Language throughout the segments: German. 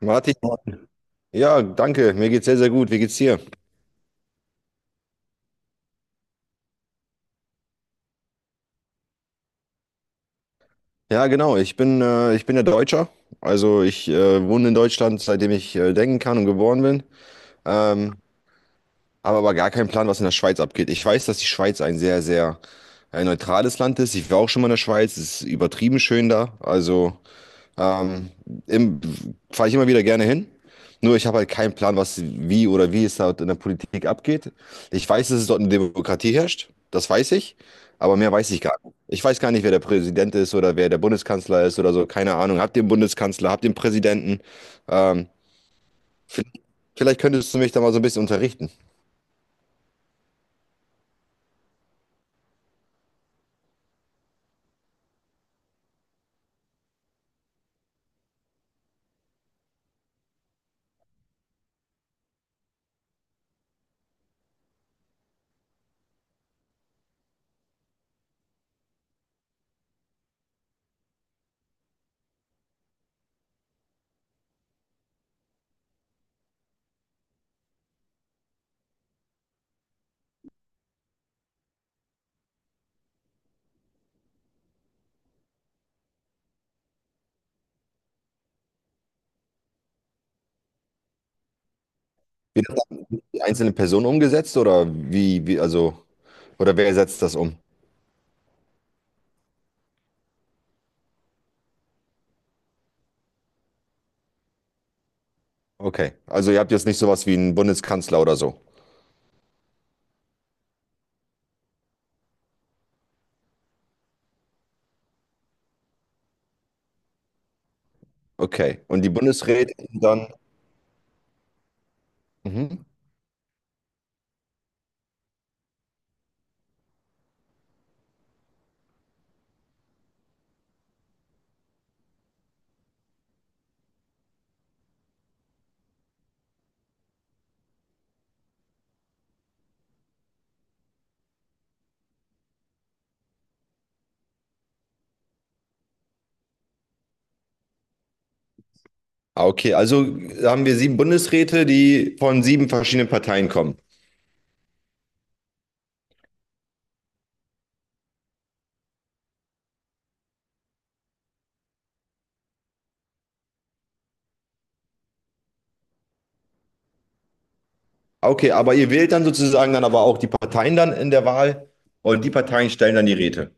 Martin, ja, danke. Mir geht's sehr, sehr gut. Wie geht's dir? Ja, genau. Ich bin ja Deutscher. Also ich wohne in Deutschland, seitdem ich denken kann und geboren bin. Ähm, habe aber gar keinen Plan, was in der Schweiz abgeht. Ich weiß, dass die Schweiz ein sehr, sehr neutrales Land ist. Ich war auch schon mal in der Schweiz. Es ist übertrieben schön da. Also Ähm, im, fahre ich immer wieder gerne hin. Nur ich habe halt keinen Plan, was, wie oder wie es dort in der Politik abgeht. Ich weiß, dass es dort eine Demokratie herrscht. Das weiß ich. Aber mehr weiß ich gar nicht. Ich weiß gar nicht, wer der Präsident ist oder wer der Bundeskanzler ist oder so. Keine Ahnung. Hab den Bundeskanzler, hab den Präsidenten. Ähm, v- vielleicht könntest du mich da mal so ein bisschen unterrichten. Wie das dann die einzelnen Personen umgesetzt oder wie, also, oder wer setzt das um? Okay. Also ihr habt jetzt nicht sowas wie einen Bundeskanzler oder so. Okay. Und die Bundesräte sind dann. Mhm. Ah, okay, also haben wir sieben Bundesräte, die von sieben verschiedenen Parteien kommen. Ah, okay, aber ihr wählt dann sozusagen dann aber auch die Parteien dann in der Wahl und die Parteien stellen dann die Räte.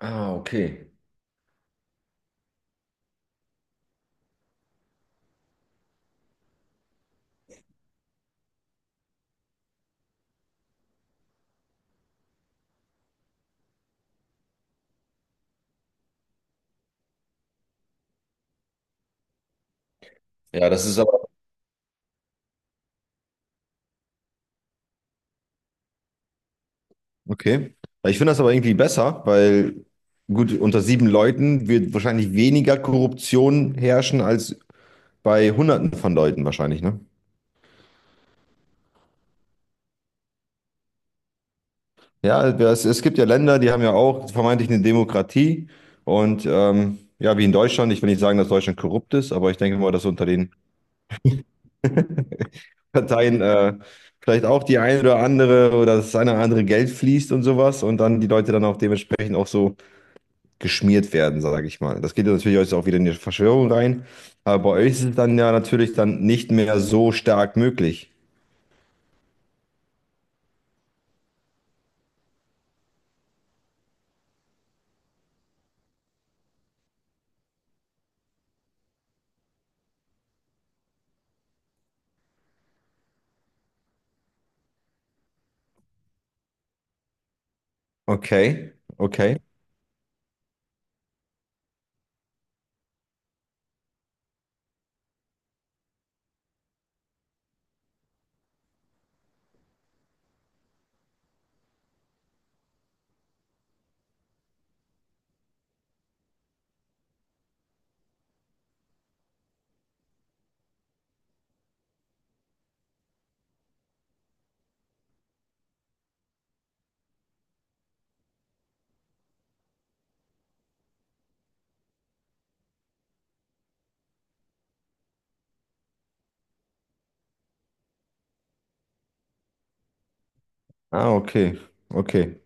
Ah, okay. Ja, das ist aber. Okay. Ich finde das aber irgendwie besser, weil gut, unter sieben Leuten wird wahrscheinlich weniger Korruption herrschen als bei Hunderten von Leuten wahrscheinlich, ne? Ja, es gibt ja Länder, die haben ja auch vermeintlich eine Demokratie. Und ja, wie in Deutschland, ich will nicht sagen, dass Deutschland korrupt ist, aber ich denke mal, dass unter den Parteien vielleicht auch die eine oder andere oder das eine oder andere Geld fließt und sowas und dann die Leute dann auch dementsprechend auch so geschmiert werden, sage ich mal. Das geht ja natürlich jetzt auch wieder in die Verschwörung rein, aber bei euch ist es dann ja natürlich dann nicht mehr so stark möglich. Okay, okay. Ah, okay, okay.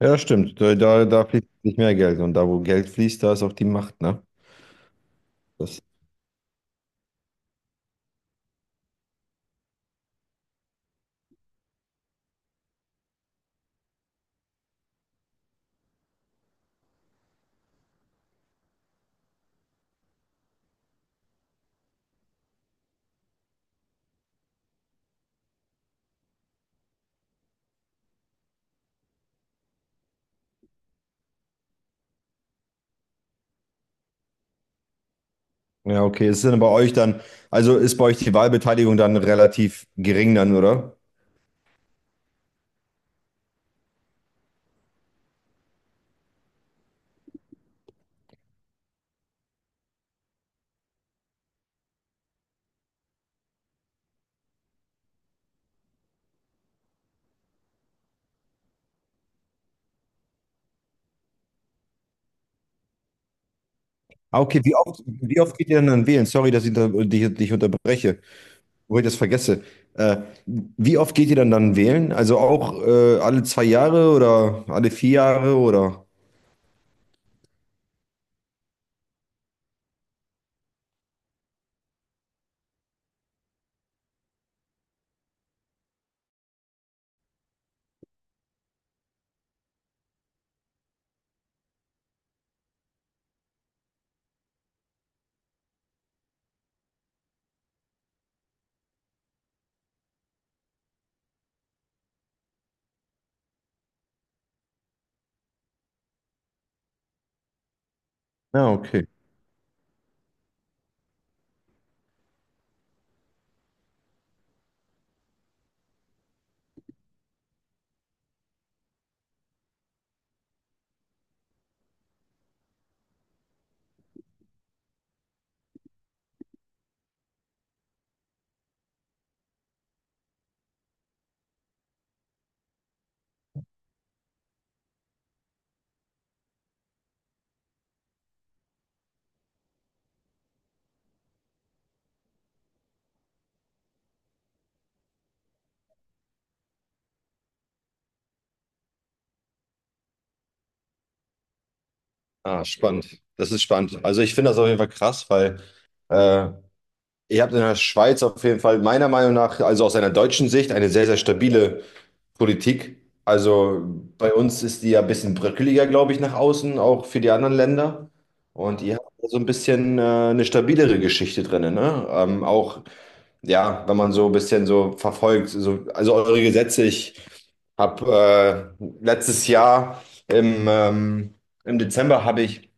Ja, stimmt. Da fließt nicht mehr Geld. Und da, wo Geld fließt, da ist auch die Macht, ne? Das, ja, okay. Ist denn bei euch dann, also ist bei euch die Wahlbeteiligung dann relativ gering dann, oder? Ah, okay. Wie oft geht ihr denn dann wählen? Sorry, dass ich dich unterbreche, wo ich das vergesse. Äh, wie oft geht ihr dann wählen? Also auch alle 2 Jahre oder alle 4 Jahre oder? Ja, okay. Ah, spannend. Das ist spannend. Also ich finde das auf jeden Fall krass, weil äh, Ihr habt in der Schweiz auf jeden Fall meiner Meinung nach, also aus einer deutschen Sicht, eine sehr, sehr stabile Politik. Also bei uns ist die ja ein bisschen bröckeliger, glaube ich, nach außen, auch für die anderen Länder. Und ihr habt so ein bisschen eine stabilere Geschichte drin, ne? Auch, ja, wenn man so ein bisschen so verfolgt, so, also eure Gesetze, ich habe letztes Jahr im, ähm, im Dezember habe ich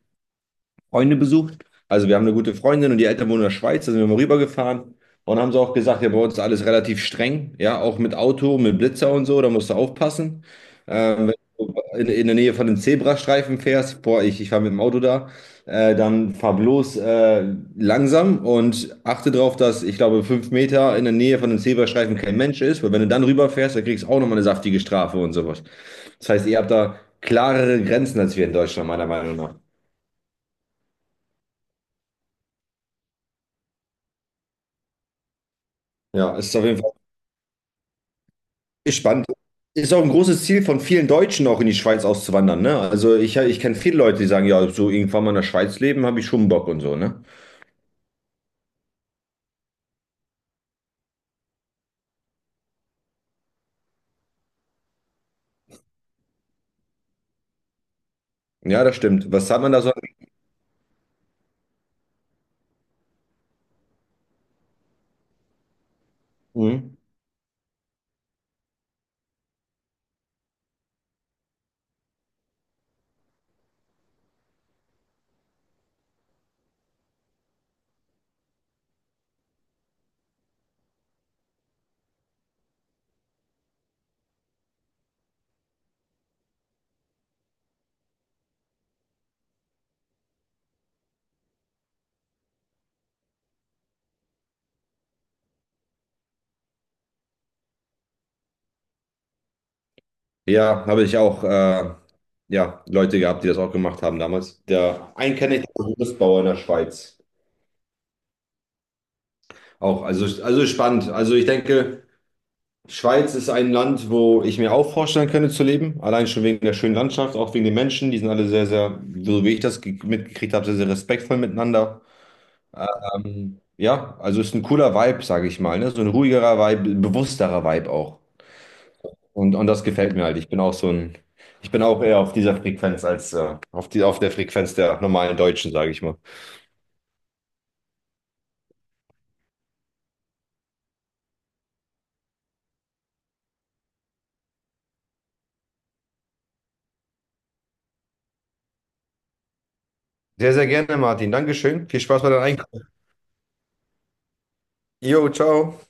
Freunde besucht. Also wir haben eine gute Freundin und die Eltern wohnen in der Schweiz, da sind wir mal rübergefahren. Und haben sie auch gesagt, ja, bei uns ist alles relativ streng, ja, auch mit Auto, mit Blitzer und so, da musst du aufpassen. Wenn du in der Nähe von den Zebrastreifen fährst, boah, ich fahre mit dem Auto da, dann fahr bloß langsam und achte darauf, dass, ich glaube, 5 Meter in der Nähe von den Zebrastreifen kein Mensch ist, weil wenn du dann rüberfährst, dann kriegst du auch nochmal eine saftige Strafe und sowas. Das heißt, ihr habt da klarere Grenzen als wir in Deutschland, meiner Meinung nach. Ja, es ist auf jeden Fall. Ist spannend. Ist auch ein großes Ziel von vielen Deutschen, auch in die Schweiz auszuwandern, ne? Also ich kenne viele Leute, die sagen, ja, so irgendwann mal in der Schweiz leben, habe ich schon Bock und so, ne? Ja, das stimmt. Was hat man da so? Mhm. Ja, habe ich auch, ja, Leute gehabt, die das auch gemacht haben damals. Der einen kenne ich, der ist Gerüstbauer in der Schweiz. Auch, also spannend. Also ich denke, Schweiz ist ein Land, wo ich mir auch vorstellen könnte zu leben. Allein schon wegen der schönen Landschaft, auch wegen den Menschen. Die sind alle sehr, sehr, so wie ich das mitgekriegt habe, sehr, sehr respektvoll miteinander. Ja, also ist ein cooler Vibe, sage ich mal, ne? So ein ruhigerer Vibe, bewussterer Vibe auch. Und das gefällt mir halt. Ich bin auch eher auf dieser Frequenz als auf der Frequenz der normalen Deutschen, sage ich mal. Sehr, sehr gerne, Martin. Dankeschön. Viel Spaß bei deinem Einkaufen. Jo, ciao.